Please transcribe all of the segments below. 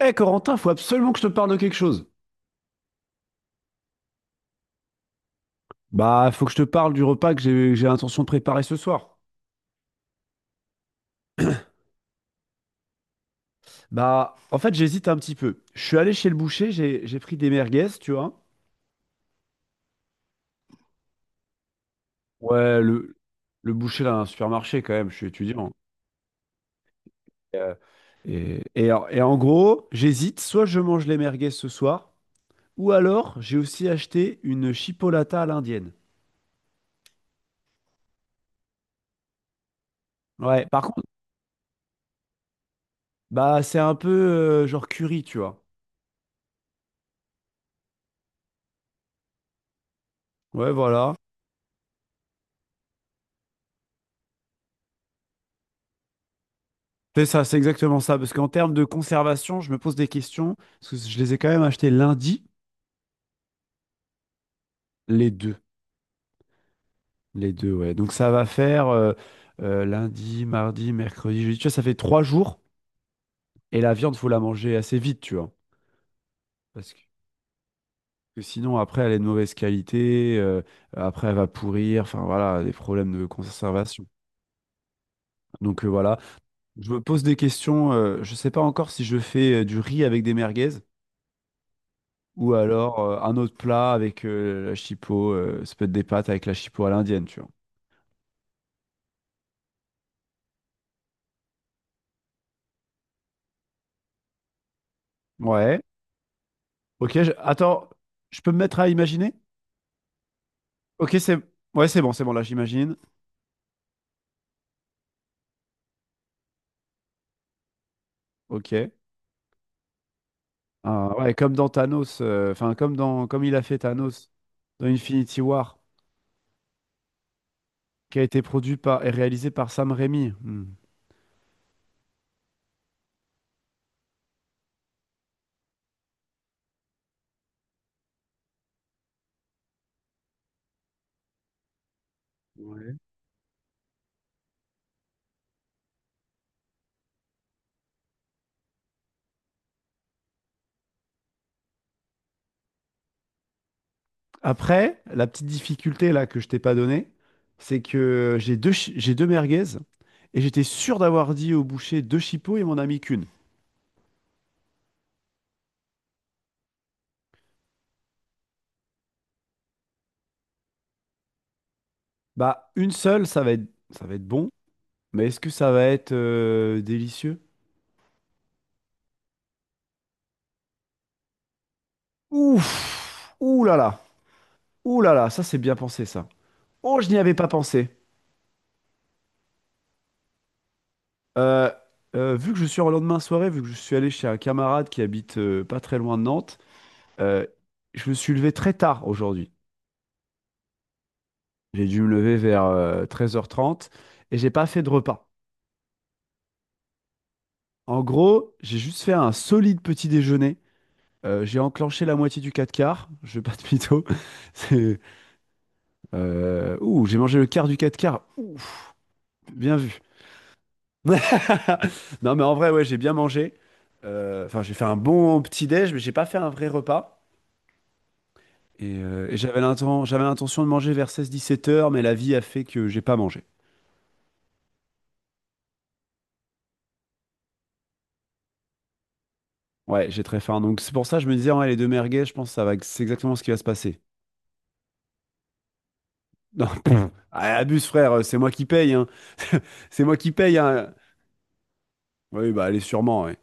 Eh Corentin, faut absolument que je te parle de quelque chose. Faut que je te parle du repas que j'ai l'intention de préparer ce soir. J'hésite un petit peu. Je suis allé chez le boucher, j'ai pris des merguez, tu vois. Ouais, le, le boucher d'un supermarché quand même, je suis étudiant. Euh, en gros, j'hésite, soit je mange les merguez ce soir, ou alors j'ai aussi acheté une chipolata à l'indienne. Ouais, par contre, c'est un peu genre curry, tu vois. Ouais, voilà. C'est ça, c'est exactement ça. Parce qu'en termes de conservation, je me pose des questions. Parce que je les ai quand même achetés lundi, les deux. Les deux, ouais. Donc ça va faire lundi, mardi, mercredi, jeudi. Tu vois, ça fait trois jours. Et la viande, faut la manger assez vite, tu vois. Parce que sinon, après, elle est de mauvaise qualité. Euh, après, elle va pourrir. Enfin, voilà, des problèmes de conservation. Donc voilà. Je me pose des questions. Euh, je sais pas encore si je fais du riz avec des merguez. Ou alors un autre plat avec la chipot, ça peut être des pâtes avec la chipot à l'indienne, tu vois. Ouais. Ok, attends, je peux me mettre à imaginer? Ok, c'est bon, là j'imagine. Ok. Ah, ouais, comme dans Thanos, comme il a fait Thanos dans Infinity War, qui a été produit par et réalisé par Sam Raimi. Hmm. Ouais. Après, la petite difficulté là que je t'ai pas donnée, c'est que j'ai deux merguez et j'étais sûr d'avoir dit au boucher deux chipots et mon ami qu'une. Bah, une seule, ça va être bon, mais est-ce que ça va être délicieux? Ouf! Ouh là là! Ouh là là! Ça, c'est bien pensé, ça. Oh, je n'y avais pas pensé. Euh, vu que je suis en lendemain de soirée, vu que je suis allé chez un camarade qui habite pas très loin de Nantes, euh, je me suis levé très tard aujourd'hui. J'ai dû me lever vers 13h30 et j'ai pas fait de repas. En gros, j'ai juste fait un solide petit déjeuner. J'ai enclenché la moitié du 4 quarts, je vais pas de mytho. C'est- j'ai mangé le quart du 4 quarts. Ouf, bien vu. Non, mais en vrai, ouais, j'ai bien mangé. Enfin, j'ai fait un bon petit déj, mais j'ai pas fait un vrai repas. Et j'avais j'avais l'intention de manger vers 16-17 heures, mais la vie a fait que j'ai pas mangé. Ouais, j'ai très faim. Donc c'est pour ça que je me disais, ouais, les deux merguez, je pense que ça va, c'est exactement ce qui va se passer. Non, abuse frère, c'est moi qui paye, hein. C'est moi qui paye, hein. Oui, bah allez, sûrement, ouais.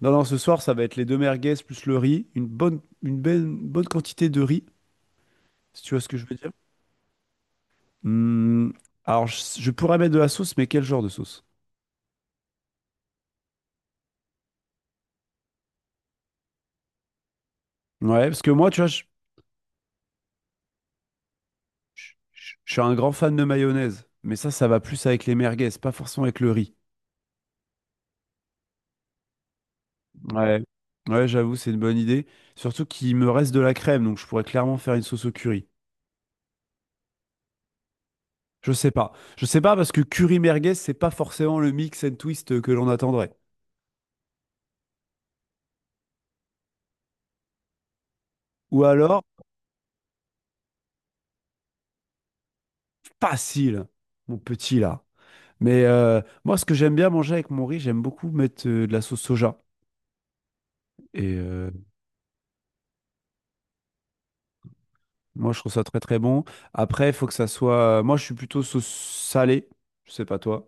Non, non, ce soir, ça va être les deux merguez plus le riz, une bonne quantité de riz. Si tu vois ce que je veux dire? Hmm, alors, je pourrais mettre de la sauce, mais quel genre de sauce? Ouais, parce que moi, tu vois, je suis un grand fan de mayonnaise, mais ça va plus avec les merguez, pas forcément avec le riz. Ouais, ouais, j'avoue, c'est une bonne idée. Surtout qu'il me reste de la crème, donc je pourrais clairement faire une sauce au curry. Je sais pas. Je sais pas parce que curry merguez, c'est pas forcément le mix and twist que l'on attendrait. Ou alors, facile, mon petit là. Mais moi, ce que j'aime bien manger avec mon riz, j'aime beaucoup mettre de la sauce soja. Et euh, Moi, je trouve ça très très bon. Après, il faut que ça soit. Moi, je suis plutôt sauce salée. Je sais pas toi.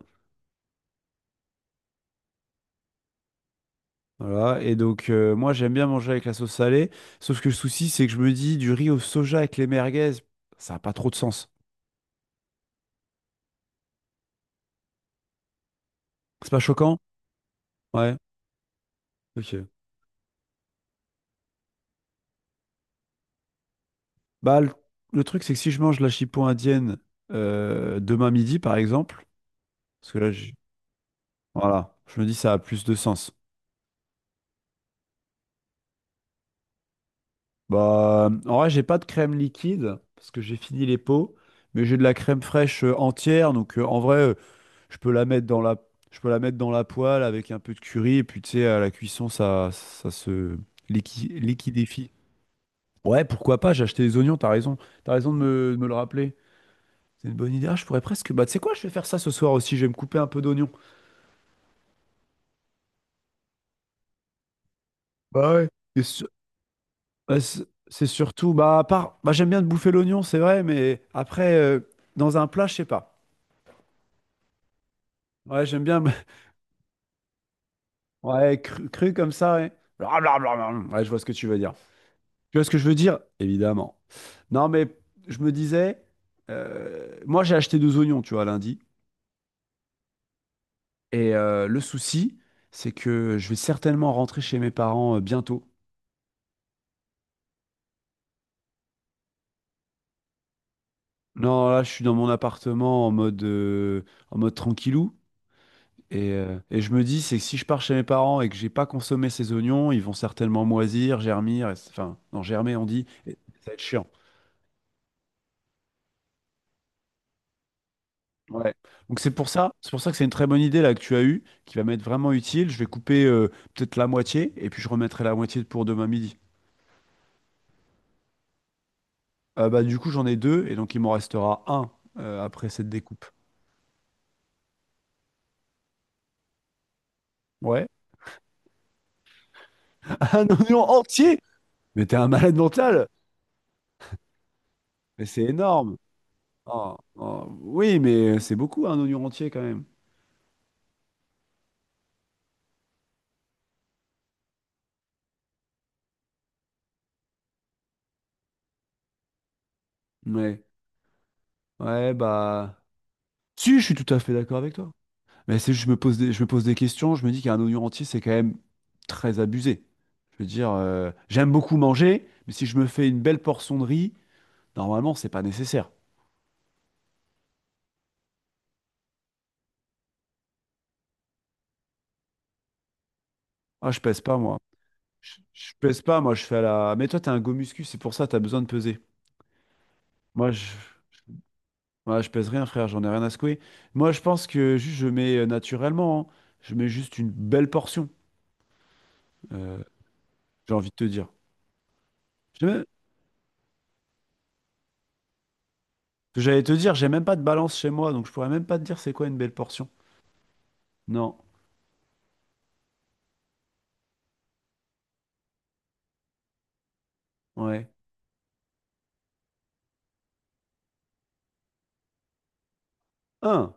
Voilà. Et donc, moi, j'aime bien manger avec la sauce salée. Sauf que le souci, c'est que je me dis du riz au soja avec les merguez, ça n'a pas trop de sens. C'est pas choquant? Ouais. Ok. Bah, le, le truc, c'est que si je mange la chipot indienne demain midi, par exemple, parce que là, j'ai- voilà, je me dis ça a plus de sens. Bah, en vrai, j'ai pas de crème liquide parce que j'ai fini les pots, mais j'ai de la crème fraîche entière. Donc, en vrai. Je peux la mettre dans la, je peux la mettre dans la poêle avec un peu de curry, et puis tu sais, à la cuisson, ça se liquidifie. Ouais, pourquoi pas, j'ai acheté des oignons, t'as raison. T'as raison de me le rappeler. C'est une bonne idée. Ah, je pourrais presque. Bah, tu sais quoi, je vais faire ça ce soir aussi, je vais me couper un peu d'oignons. Bah ouais. Et su- c'est surtout, bah, à part, bah, j'aime bien de bouffer l'oignon, c'est vrai, mais après, dans un plat, je sais pas. Ouais, j'aime bien. Cru comme ça, ouais. Blablabla. Ouais, je vois ce que tu veux dire. Tu vois ce que je veux dire? Évidemment. Non, mais je me disais, moi j'ai acheté deux oignons, tu vois, lundi. Le souci, c'est que je vais certainement rentrer chez mes parents bientôt. Non, là, je suis dans mon appartement en mode tranquillou. Et je me dis, c'est que si je pars chez mes parents et que j'ai pas consommé ces oignons, ils vont certainement moisir, germir, non, germer, on dit, et ça va être chiant. Ouais. Donc c'est pour ça que c'est une très bonne idée là que tu as eue, qui va m'être vraiment utile. Je vais couper peut-être la moitié, et puis je remettrai la moitié pour demain midi. Du coup, j'en ai deux, et donc il m'en restera un après cette découpe. Ouais. Un oignon entier! Mais t'es un malade mental! Mais c'est énorme! Oh, Oui, mais c'est beaucoup un oignon entier quand même. Ouais. Ouais, bah. Si, je suis tout à fait d'accord avec toi. Mais c'est juste, je me pose des questions, je me dis qu'un oignon entier, c'est quand même très abusé. Je veux dire, j'aime beaucoup manger, mais si je me fais une belle portion de riz, normalement, c'est pas nécessaire. Ah, je pèse pas, moi. Je pèse pas, moi je fais à la. Mais toi t'as un go muscu, c'est pour ça t'as besoin de peser. Moi je, moi, je pèse rien frère, j'en ai rien à secouer. Moi je pense que juste je mets naturellement, hein. Je mets juste une belle portion, euh, j'ai envie de te dire. J'ai même- J'allais te dire, j'ai même pas de balance chez moi, donc je pourrais même pas te dire c'est quoi une belle portion. Non, ouais. Un,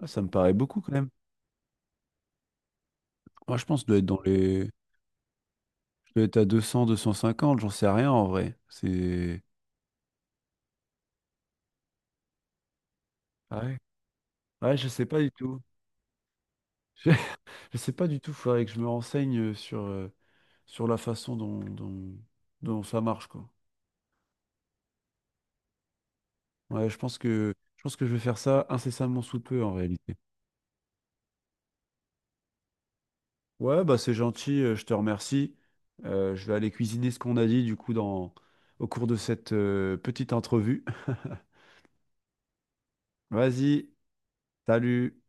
Ah, ça me paraît beaucoup quand même. Moi je pense que je dois être dans les. Je dois être à 200 250 j'en sais rien en vrai. C'est. Ah ouais. Ouais, je sais pas du tout. Je sais pas du tout, faudrait que je me renseigne sur la façon dont ça marche, quoi. Ouais, je pense que je vais faire ça incessamment sous peu, en réalité. Ouais, bah c'est gentil, je te remercie. Je vais aller cuisiner ce qu'on a dit, du coup, au cours de cette petite entrevue. Vas-y, salut!